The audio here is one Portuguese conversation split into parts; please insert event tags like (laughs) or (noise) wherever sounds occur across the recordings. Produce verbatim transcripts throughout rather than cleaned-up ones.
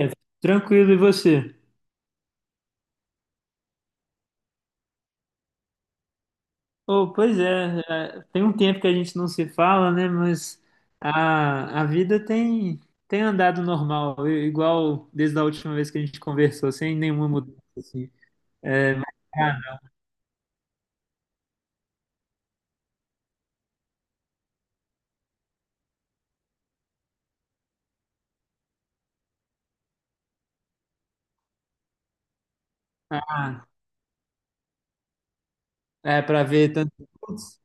É, tranquilo, e você? Oh, pois é, é, tem um tempo que a gente não se fala, né? Mas a, a vida tem, tem andado normal, i- igual desde a última vez que a gente conversou, sem nenhuma mudança, assim. Ah, ah, é para ver Thunderbolts,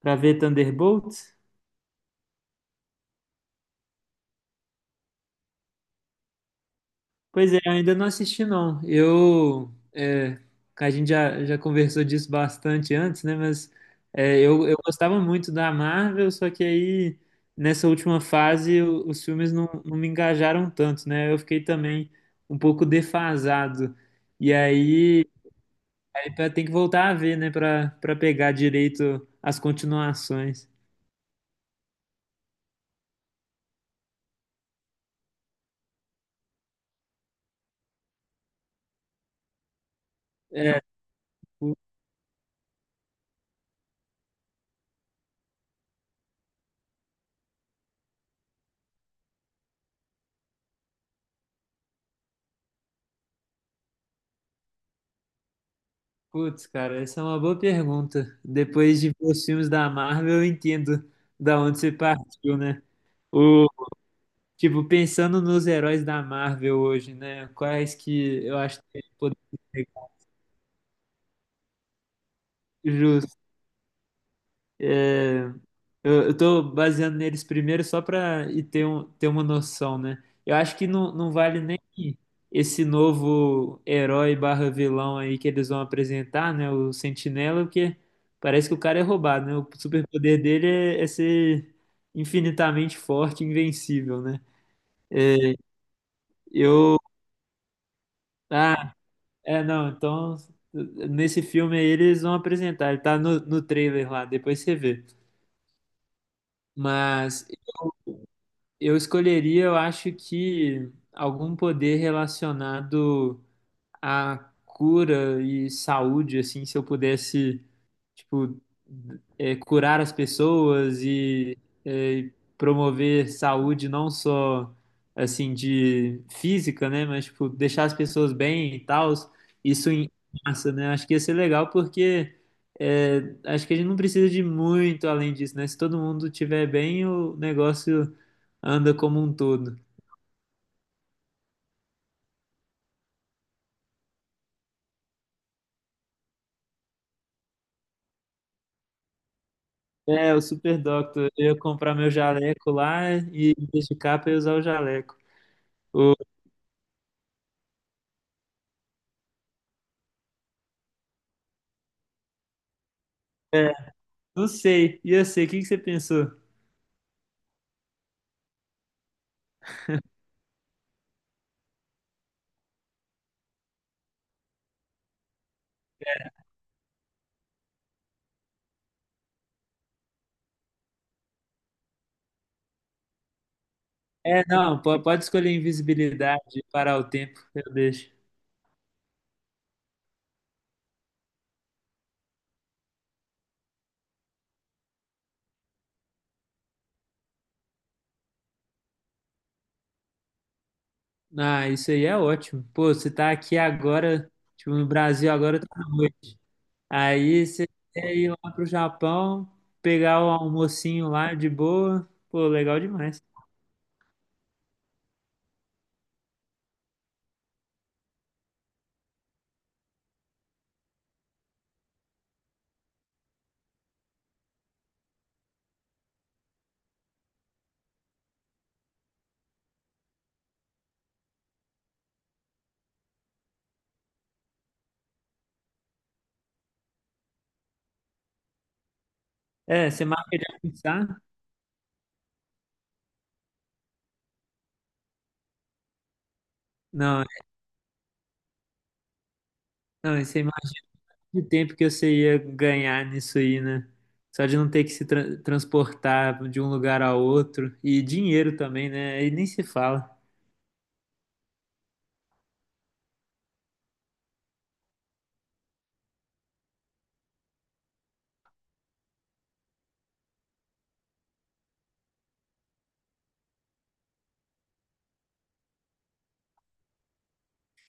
para ver Thunderbolts? Pois é, ainda não assisti não. Eu, é, a gente já, já conversou disso bastante antes, né? Mas é, eu, eu gostava muito da Marvel, só que aí nessa última fase o- os filmes não, não me engajaram tanto, né? Eu fiquei também um pouco defasado. E aí, aí pra- tem que voltar a ver, né? Para para pegar direito as continuações. É, putz, cara, essa é uma boa pergunta. Depois de ver os filmes da Marvel, eu entendo da onde você partiu, né? O, tipo, pensando nos heróis da Marvel hoje, né? Quais que eu acho que poderiam ser justos. Eu, eu tô baseando neles primeiro só para e ter, um, ter uma noção, né? Eu acho que não, não vale nem esse novo herói barra vilão aí que eles vão apresentar, né? O Sentinela, porque parece que o cara é roubado, né? O superpoder dele é, é ser infinitamente forte, e invencível, né? Eu. Ah, é, não, então. Nesse filme aí eles vão apresentar, ele tá no, no trailer lá, depois você vê. Mas. Eu escolheria, eu acho que algum poder relacionado à cura e saúde, assim, se eu pudesse tipo, é, curar as pessoas e é, promover saúde não só assim de física, né, mas tipo deixar as pessoas bem e tal. Isso em massa, né? Acho que ia ser legal porque é, acho que a gente não precisa de muito além disso, né? Se todo mundo tiver bem, o negócio anda como um todo. É, o Super Doctor. Eu ia comprar meu jaleco lá e me dedicar para usar o jaleco. O- é, não sei. E eu sei, o que que você pensou? É, não, po- pode escolher invisibilidade, parar o tempo, eu deixo. Ah, isso aí é ótimo. Pô, você tá aqui agora, tipo, no Brasil agora tá noite. Aí você quer ir lá pro Japão, pegar o almocinho lá de boa. Pô, legal demais. É, você marca de almoçar? Não, não, isso aí de tempo que você ia ganhar nisso aí, né? Só de não ter que se tra- transportar de um lugar a outro. E dinheiro também, né? Aí nem se fala.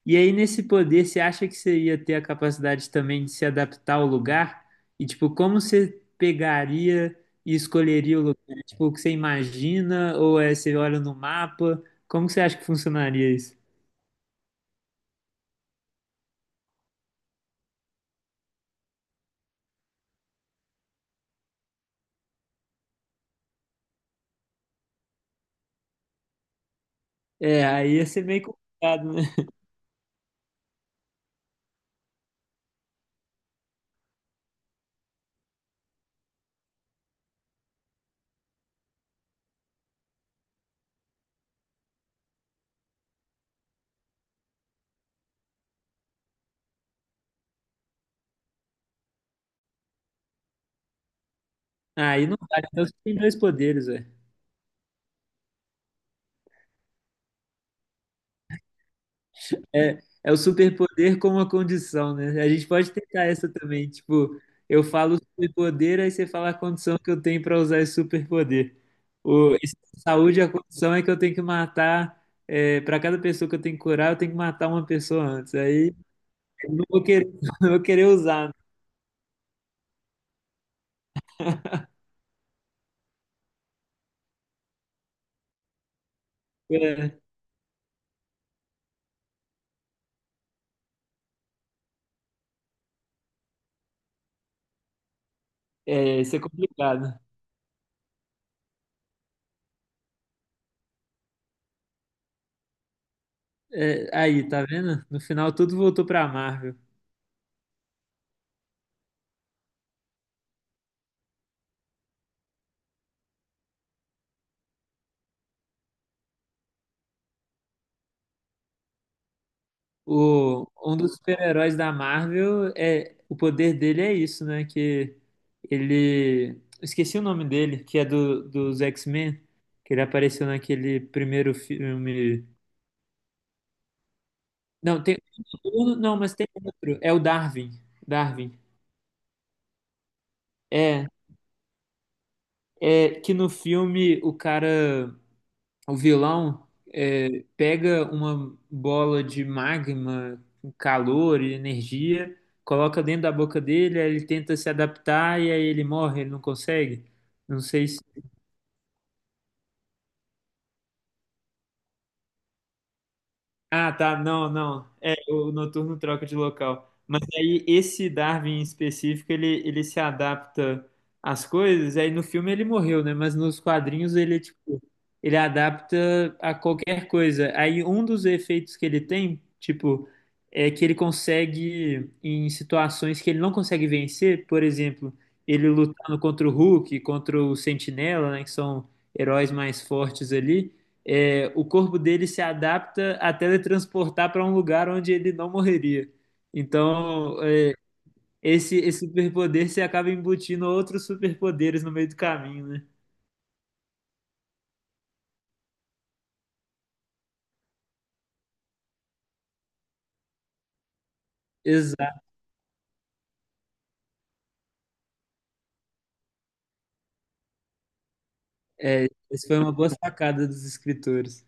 E aí, nesse poder, você acha que você ia ter a capacidade também de se adaptar ao lugar? E, tipo, como você pegaria e escolheria o lugar? É, tipo, o que você imagina? Ou é você olha no mapa? Como que você acha que funcionaria isso? É, aí ia ser meio complicado, né? (laughs) Aí não vale. Então você tem dois poderes, velho. É, é o superpoder como a condição, né? A gente pode tentar essa também. Tipo, eu falo superpoder, aí você fala a condição que eu tenho para usar esse superpoder. O, esse de saúde, a condição é que eu tenho que matar. Para cada pessoa que eu tenho que curar, eu tenho que matar uma pessoa antes. Aí eu não vou querer, (laughs) não vou querer usar. Né? É, é, isso é complicado. É, aí, tá vendo? No final, tudo voltou pra Marvel. O, um dos super-heróis da Marvel é o poder dele é isso, né? Que ele esqueci o nome dele, que é do dos X-Men, que ele apareceu naquele primeiro filme. Não, tem um, não, mas tem outro. É o Darwin. Darwin. É, é que no filme o cara. O vilão é, pega uma bola de magma, calor e energia, coloca dentro da boca dele, aí ele tenta se adaptar e aí ele morre, ele não consegue. Não sei. Ah, tá. Não, não. É, o noturno troca de local. Mas aí esse Darwin em específico, ele, ele se adapta às coisas. Aí no filme ele morreu, né? Mas nos quadrinhos ele, é, tipo, ele adapta a qualquer coisa. Aí um dos efeitos que ele tem, tipo, é que ele consegue, em situações que ele não consegue vencer, por exemplo, ele lutando contra o Hulk, contra o Sentinela, né? Que são heróis mais fortes ali é, o corpo dele se adapta a teletransportar para um lugar onde ele não morreria. Então, é, esse, esse superpoder se acaba embutindo outros superpoderes no meio do caminho, né? Exato. É, essa foi uma boa sacada dos escritores.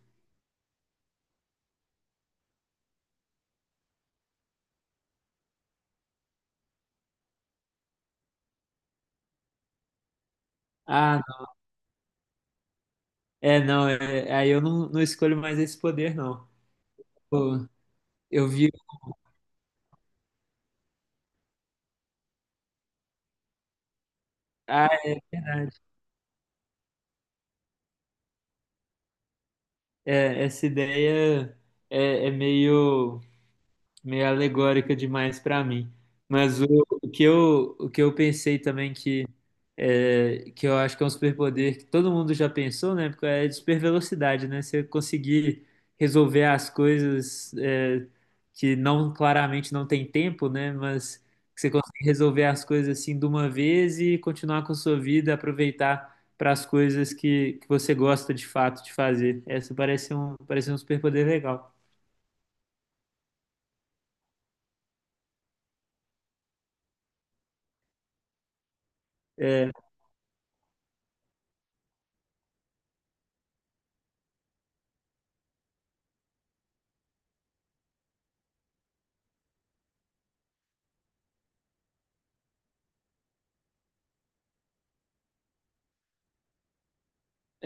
Ah, não. é, não, é, aí eu não, não escolho mais esse poder, não. Pô, eu vi. Ah, é verdade. É, essa ideia é, é meio, meio alegórica demais para mim. Mas o, o que eu, o que eu pensei também que é, que eu acho que é um superpoder que todo mundo já pensou, né? Porque é de supervelocidade, né? Você conseguir resolver as coisas é, que não claramente não tem tempo, né? Mas que você consegue resolver as coisas assim de uma vez e continuar com a sua vida, aproveitar para as coisas que, que você gosta de fato de fazer. Essa parece um parece um superpoder legal. É,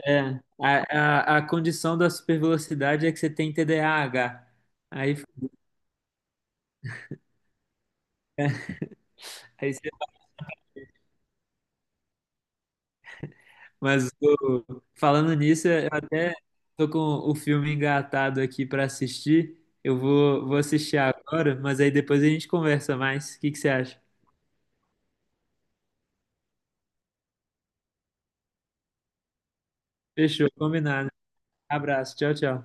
é, a, a, a condição da supervelocidade é que você tem T D A H. Aí, aí você- mas o- falando nisso, eu até tô com o filme engatado aqui para assistir. Eu vou, vou assistir agora, mas aí depois a gente conversa mais. O que que você acha? Fechou, combinado. Abraço, tchau, tchau.